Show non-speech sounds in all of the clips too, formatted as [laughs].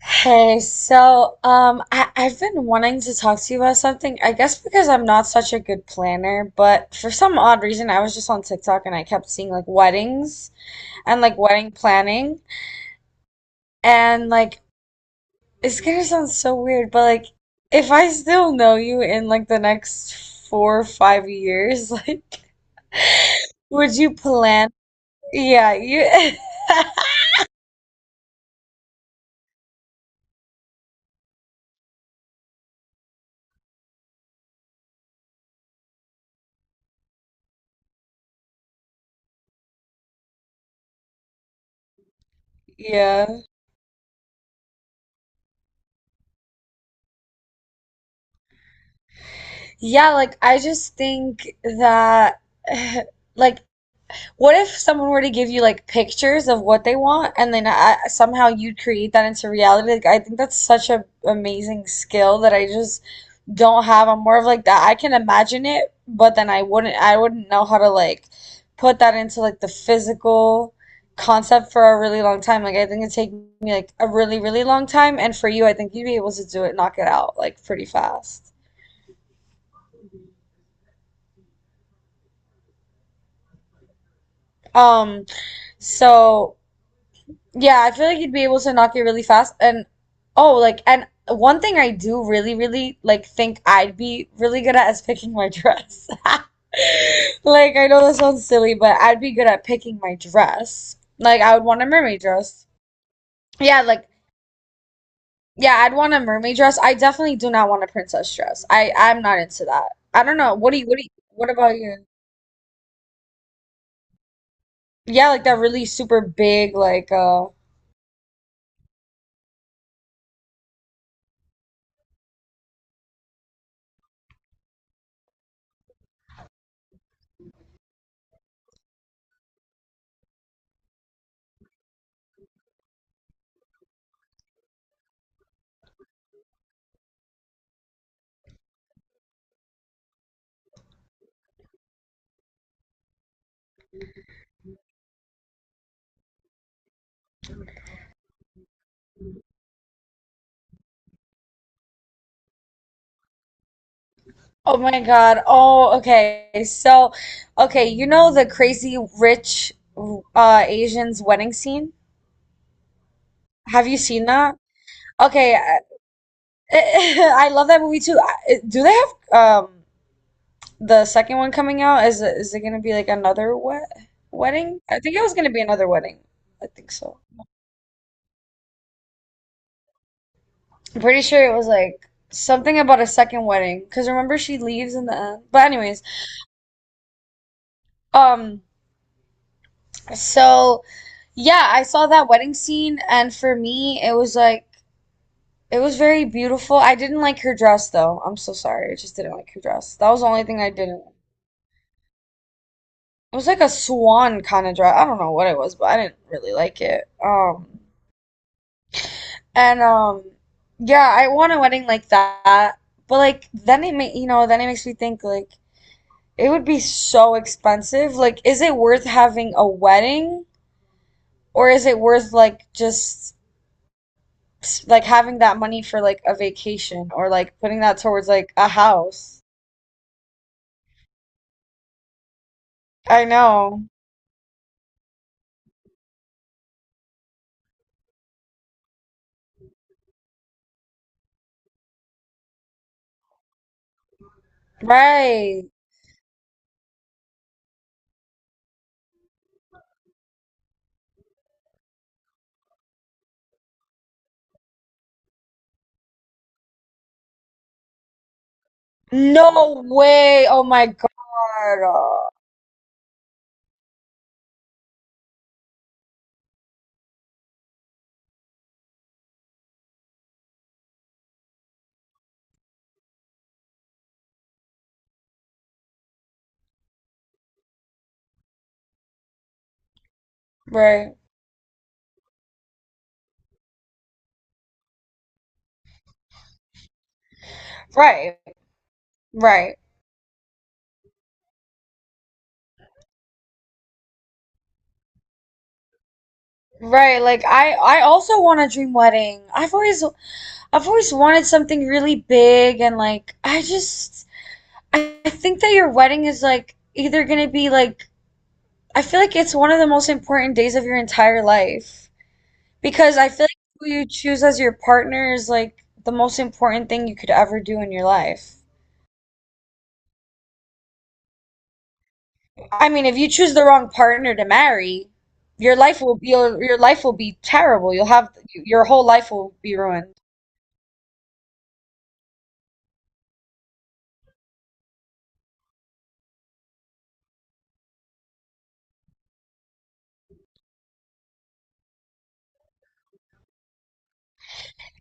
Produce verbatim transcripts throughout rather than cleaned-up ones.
Hey, so um, I, I've been wanting to talk to you about something. I guess because I'm not such a good planner, but for some odd reason, I was just on TikTok and I kept seeing like weddings and like wedding planning. And like, it's gonna sound so weird, but like, if I still know you in like the next four or five years, [laughs] like, would you plan? Yeah, you. [laughs] Yeah. Yeah, like I just think that [sighs] like what if someone were to give you like pictures of what they want and then I, somehow you'd create that into reality? Like I think that's such a amazing skill that I just don't have. I'm more of like that. I can imagine it, but then I wouldn't I wouldn't know how to like put that into like the physical concept for a really long time. Like I think it'd take me like a really, really long time. And for you, I think you'd be able to do it, knock it out like pretty fast. Um, so yeah, I feel like you'd be able to knock it really fast. And oh, like, and one thing I do really, really like think I'd be really good at is picking my dress. [laughs] Like, I know that sounds silly, but I'd be good at picking my dress. Like, I would want a mermaid dress. Yeah, like, yeah, I'd want a mermaid dress. I definitely do not want a princess dress. I, I'm not into that. I don't know. What do you, what do you, what about you? Yeah, like that really super big, like, uh, oh my God. Oh, okay. So, okay, you know the crazy rich uh Asians wedding scene? Have you seen that? Okay, I, [laughs] I love that movie too. I- do they have um the second one coming out? Is it, is it gonna be like another wed wedding? I think it was gonna be another wedding. I think so. I'm pretty sure it was like something about a second wedding because remember she leaves in the end. But anyways, um, so. Yeah, I saw that wedding scene, and for me, it was like it was very beautiful. I didn't like her dress though. I'm so sorry. I just didn't like her dress. That was the only thing I didn't like. It was like a swan kind of dress. I don't know what it was, but I didn't really like it. Um, and um, yeah, I want a wedding like that. But like then it may, you know, then it makes me think like it would be so expensive. Like, is it worth having a wedding or is it worth like just like having that money for like a vacation or like putting that towards like a house. I know. Right. No way. Oh my God. Oh, right. Right. Right. Right. Like I I also want a dream wedding. I've always I've always wanted something really big and like I just I I think that your wedding is like either gonna be like I feel like it's one of the most important days of your entire life. Because I feel like who you choose as your partner is like the most important thing you could ever do in your life. I mean, if you choose the wrong partner to marry, your life will be your your life will be terrible. You'll have your whole life will be ruined.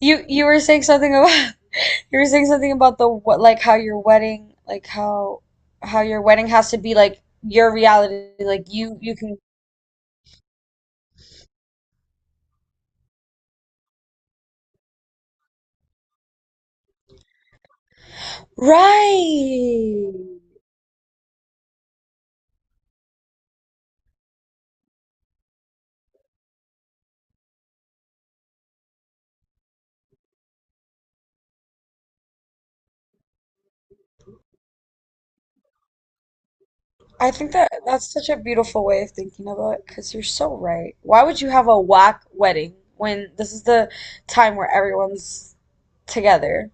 You you were saying something about [laughs] you were saying something about the what, like how your wedding, like how how your wedding has to be like your reality, like you you can. Right. I think that that's such a beautiful way of thinking about it because you're so right. Why would you have a whack wedding when this is the time where everyone's together?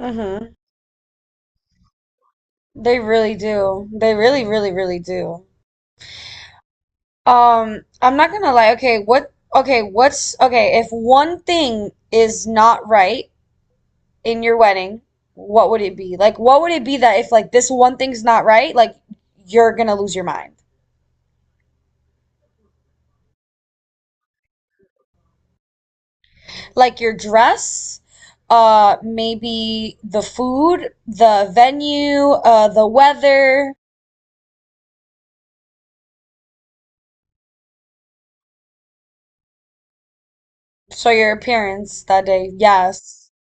Mm-hmm. They really do. They really, really, really do. Um, I'm not gonna lie. Okay, what? Okay, what's okay? If one thing is not right, in your wedding, what would it be? Like, what would it be that if like this one thing's not right, like you're gonna lose your mind? Like your dress, uh, maybe the food, the venue, uh, the weather. So your appearance that day, yes.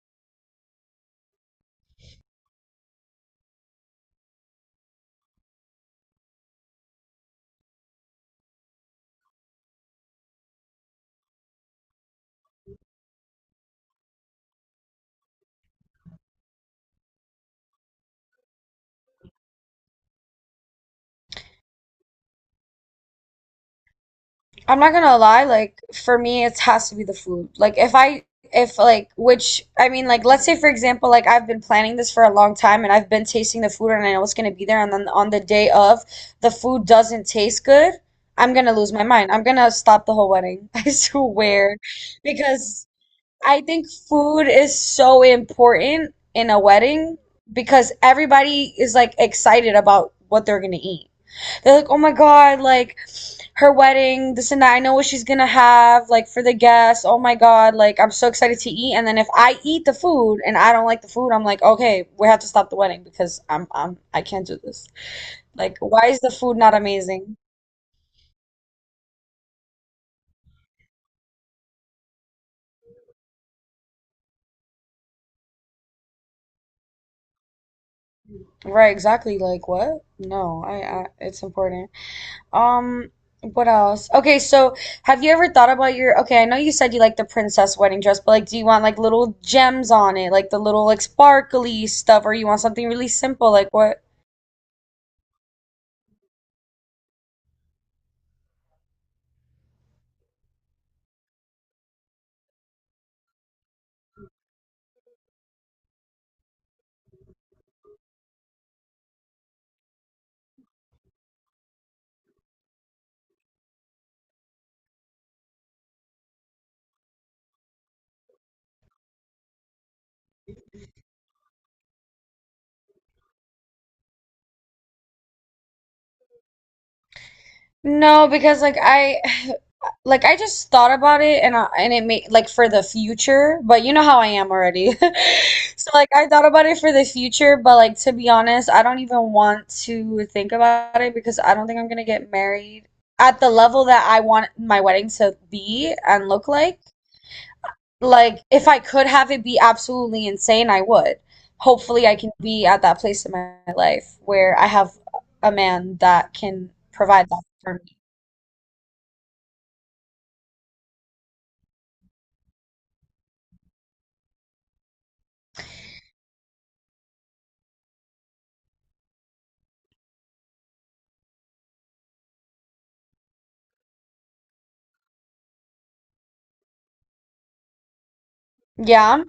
I'm not gonna lie, like for me it has to be the food. Like if I if like which I mean like let's say for example like I've been planning this for a long time and I've been tasting the food and I know it's gonna be there and then on the day of the food doesn't taste good, I'm gonna lose my mind. I'm gonna stop the whole wedding. [laughs] I swear. Because I think food is so important in a wedding because everybody is like excited about what they're gonna eat. They're like, "Oh my God, like her wedding, this and that. I know what she's gonna have, like for the guests. Oh my God, like I'm so excited to eat." And then if I eat the food and I don't like the food, I'm like, okay, we have to stop the wedding because I'm I'm I can't do this. Like, why is the food not amazing? Right, exactly. Like what? No, I, I it's important. Um, what else? Okay, so have you ever thought about your, okay, I know you said you like the princess wedding dress, but like do you want like little gems on it, like the little like sparkly stuff, or you want something really simple? Like what no, because like I [sighs] like I just thought about it and I, and it made like for the future, but you know how I am already. [laughs] So like I thought about it for the future, but like to be honest, I don't even want to think about it because I don't think I'm gonna get married at the level that I want my wedding to be and look like. Like if I could have it be absolutely insane, I would. Hopefully I can be at that place in my life where I have a man that can provide that for me. Yeah.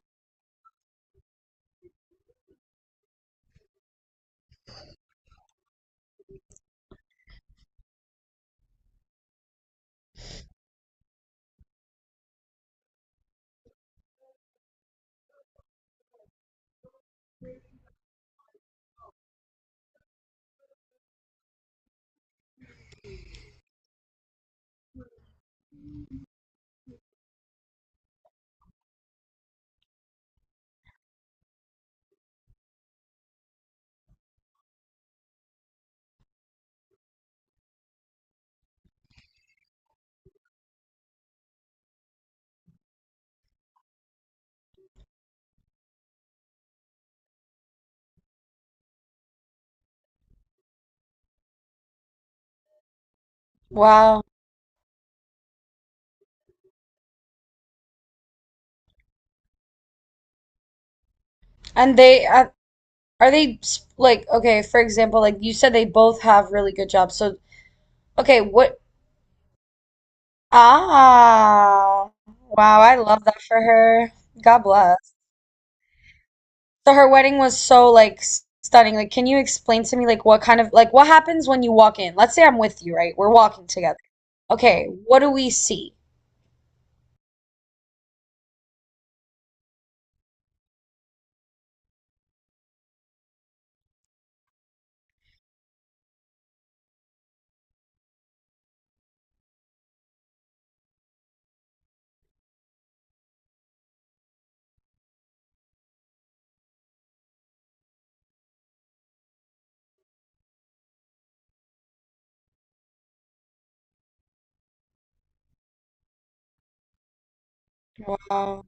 Wow. And they are, are they s- like okay, for example, like you said they both have really good jobs. So okay, what ah wow, I love that for her. God bless. So her wedding was so like s- stunning. Like can you explain to me like what kind of like what happens when you walk in? Let's say I'm with you, right? We're walking together. Okay, what do we see? Wow.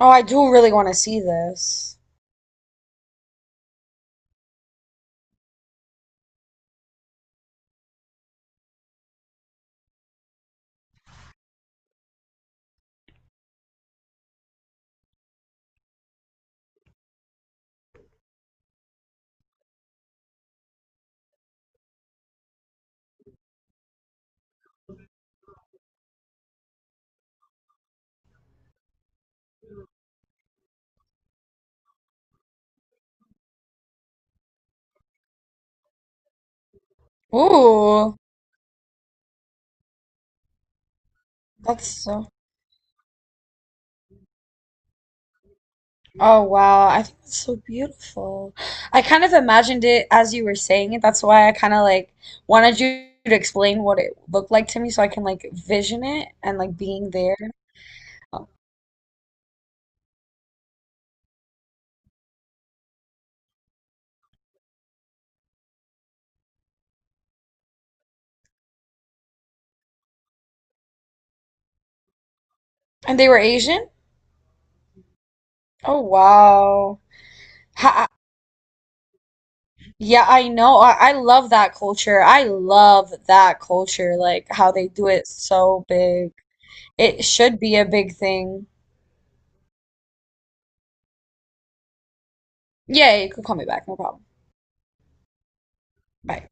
Oh, I do really want to see this. Ooh, that's so oh wow, I think that's so beautiful. I kind of imagined it as you were saying it. That's why I kind of like wanted you to explain what it looked like to me so I can like vision it and like being there. Oh, and they were Asian? Oh wow. How, yeah, I know. I, I love that culture. I love that culture, like how they do it so big. It should be a big thing. Yeah, yeah, you could call me back, no problem. Bye.